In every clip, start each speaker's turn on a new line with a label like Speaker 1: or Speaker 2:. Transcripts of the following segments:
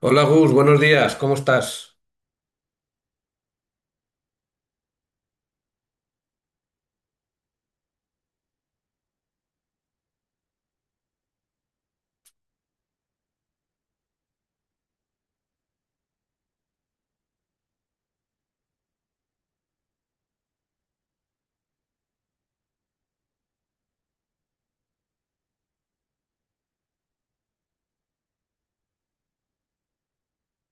Speaker 1: Hola Gus, buenos días, ¿cómo estás?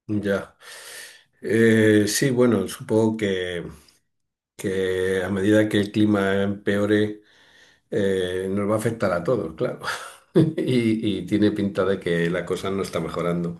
Speaker 1: Ya. Sí, bueno, supongo que a medida que el clima empeore, nos va a afectar a todos, claro. Y tiene pinta de que la cosa no está mejorando.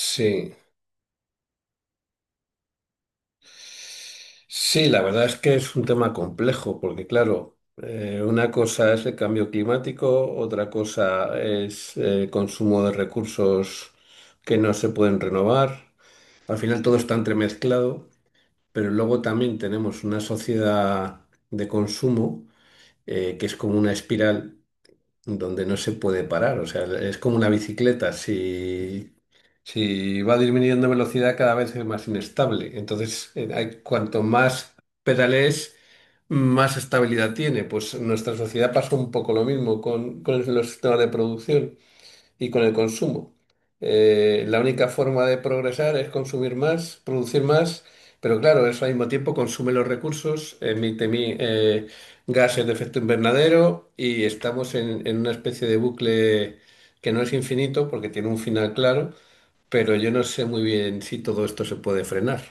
Speaker 1: Sí, sí, la verdad es que es un tema complejo, porque claro, una cosa es el cambio climático, otra cosa es el consumo de recursos que no se pueden renovar. Al final todo está entremezclado. Pero luego también tenemos una sociedad de consumo, que es como una espiral donde no se puede parar, o sea, es como una bicicleta, si, si va disminuyendo velocidad cada vez es más inestable, entonces cuanto más pedales, más estabilidad tiene, pues nuestra sociedad pasa un poco lo mismo con los sistemas de producción y con el consumo. La única forma de progresar es consumir más, producir más, pero claro, eso al mismo tiempo consume los recursos, emite gases de efecto invernadero y estamos en una especie de bucle que no es infinito porque tiene un final claro, pero yo no sé muy bien si todo esto se puede frenar.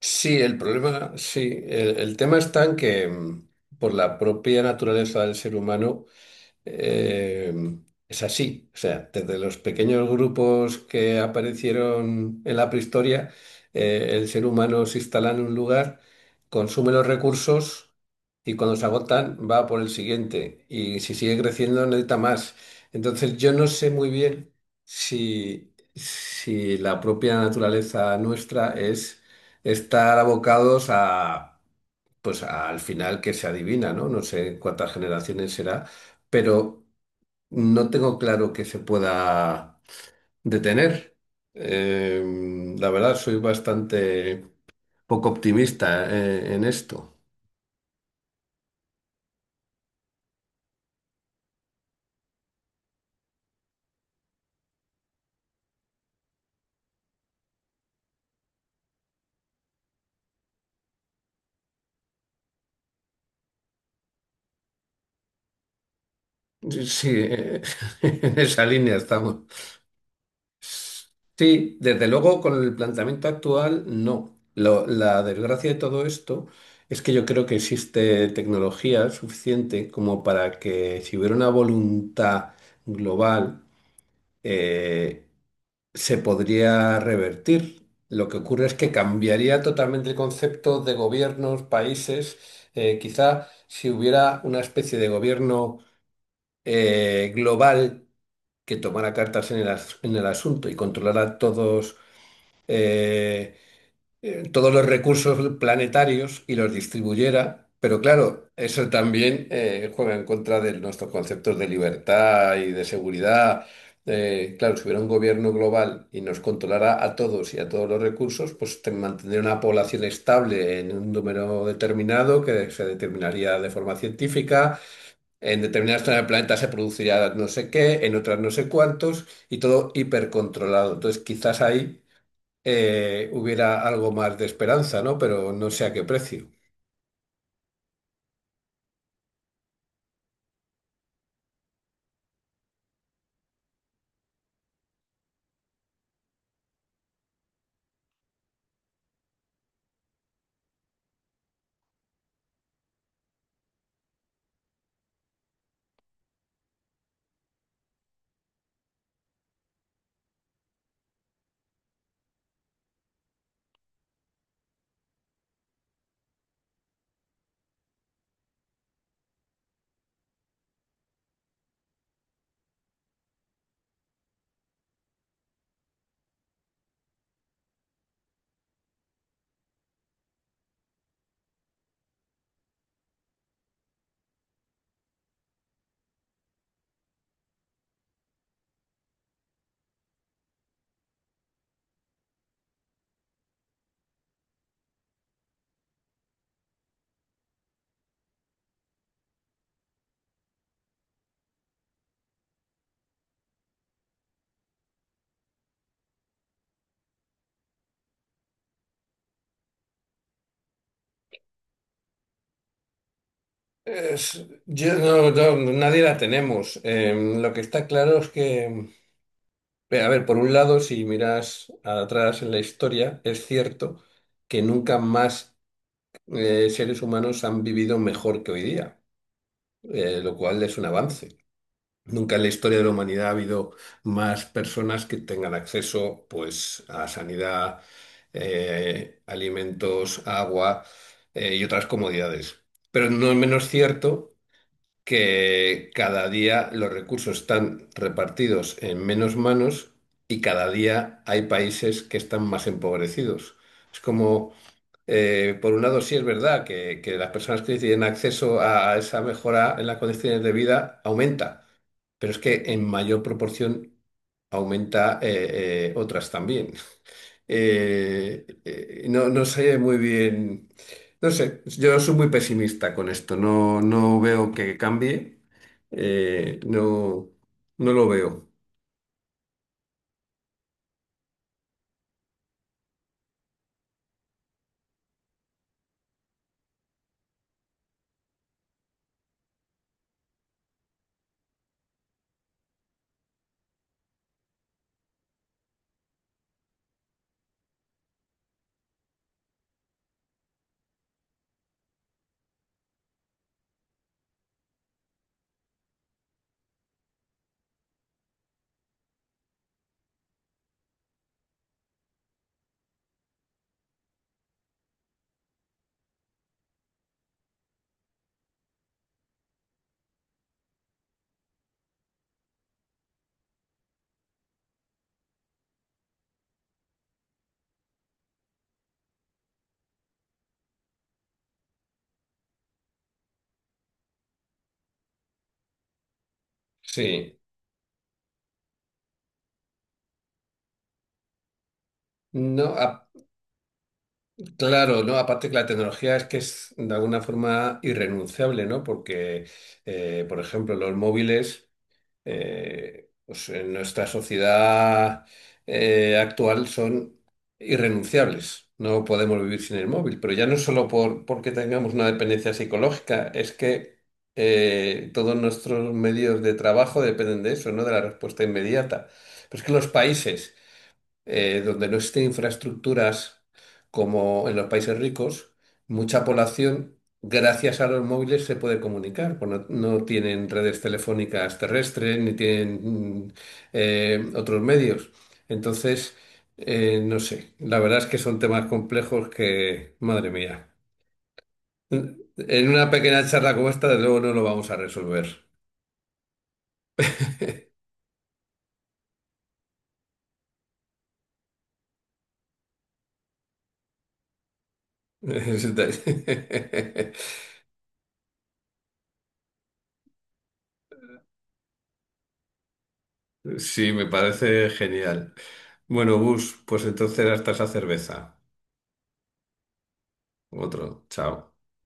Speaker 1: Sí, el problema, sí, el tema está en que por la propia naturaleza del ser humano. Eh, es así, o sea, desde los pequeños grupos que aparecieron en la prehistoria, el ser humano se instala en un lugar, consume los recursos y cuando se agotan va por el siguiente y si sigue creciendo necesita más. Entonces yo no sé muy bien si la propia naturaleza nuestra es estar abocados a... Pues al final que se adivina, ¿no? No sé cuántas generaciones será, pero no tengo claro que se pueda detener. La verdad, soy bastante poco optimista, en esto. Sí, en esa línea estamos. Sí, desde luego con el planteamiento actual, no. La desgracia de todo esto es que yo creo que existe tecnología suficiente como para que si hubiera una voluntad global, eh, se podría revertir. Lo que ocurre es que cambiaría totalmente el concepto de gobiernos, países. Quizá si hubiera una especie de gobierno, global, que tomara cartas en en el asunto y controlara todos eh, todos los recursos planetarios y los distribuyera. Pero claro, eso también juega en contra de nuestros conceptos de libertad y de seguridad. Claro, si hubiera un gobierno global y nos controlara a todos y a todos los recursos, pues mantendría una población estable en un número determinado que se determinaría de forma científica. En determinadas zonas del planeta se produciría no sé qué, en otras no sé cuántos, y todo hipercontrolado. Entonces, quizás ahí hubiera algo más de esperanza, ¿no? Pero no sé a qué precio. Yo no, nadie la tenemos. Lo que está claro es que, a ver, por un lado, si miras atrás en la historia, es cierto que nunca más seres humanos han vivido mejor que hoy día, lo cual es un avance. Nunca en la historia de la humanidad ha habido más personas que tengan acceso, pues, a sanidad, alimentos, agua, y otras comodidades. Pero no es menos cierto que cada día los recursos están repartidos en menos manos y cada día hay países que están más empobrecidos. Es como por un lado, sí es verdad que las personas que tienen acceso a esa mejora en las condiciones de vida aumenta, pero es que en mayor proporción aumenta otras también. No, no sé muy bien, no sé, yo soy muy pesimista con esto, no, no veo que cambie, no, no lo veo. Sí, no, a- Claro, ¿no? Aparte que la tecnología es que es de alguna forma irrenunciable, ¿no? Porque, por ejemplo, los móviles, pues en nuestra sociedad actual son irrenunciables. No podemos vivir sin el móvil. Pero ya no solo porque tengamos una dependencia psicológica, es que todos nuestros medios de trabajo dependen de eso, ¿no? De la respuesta inmediata. Pero es que los países donde no existen infraestructuras como en los países ricos, mucha población, gracias a los móviles, se puede comunicar. Pues no, no tienen redes telefónicas terrestres ni tienen otros medios. Entonces, no sé, la verdad es que son temas complejos que, madre mía, en una pequeña charla como esta, de luego no lo vamos a resolver. Sí, me parece genial. Bueno, Gus, pues entonces hasta esa cerveza. Otro, chao.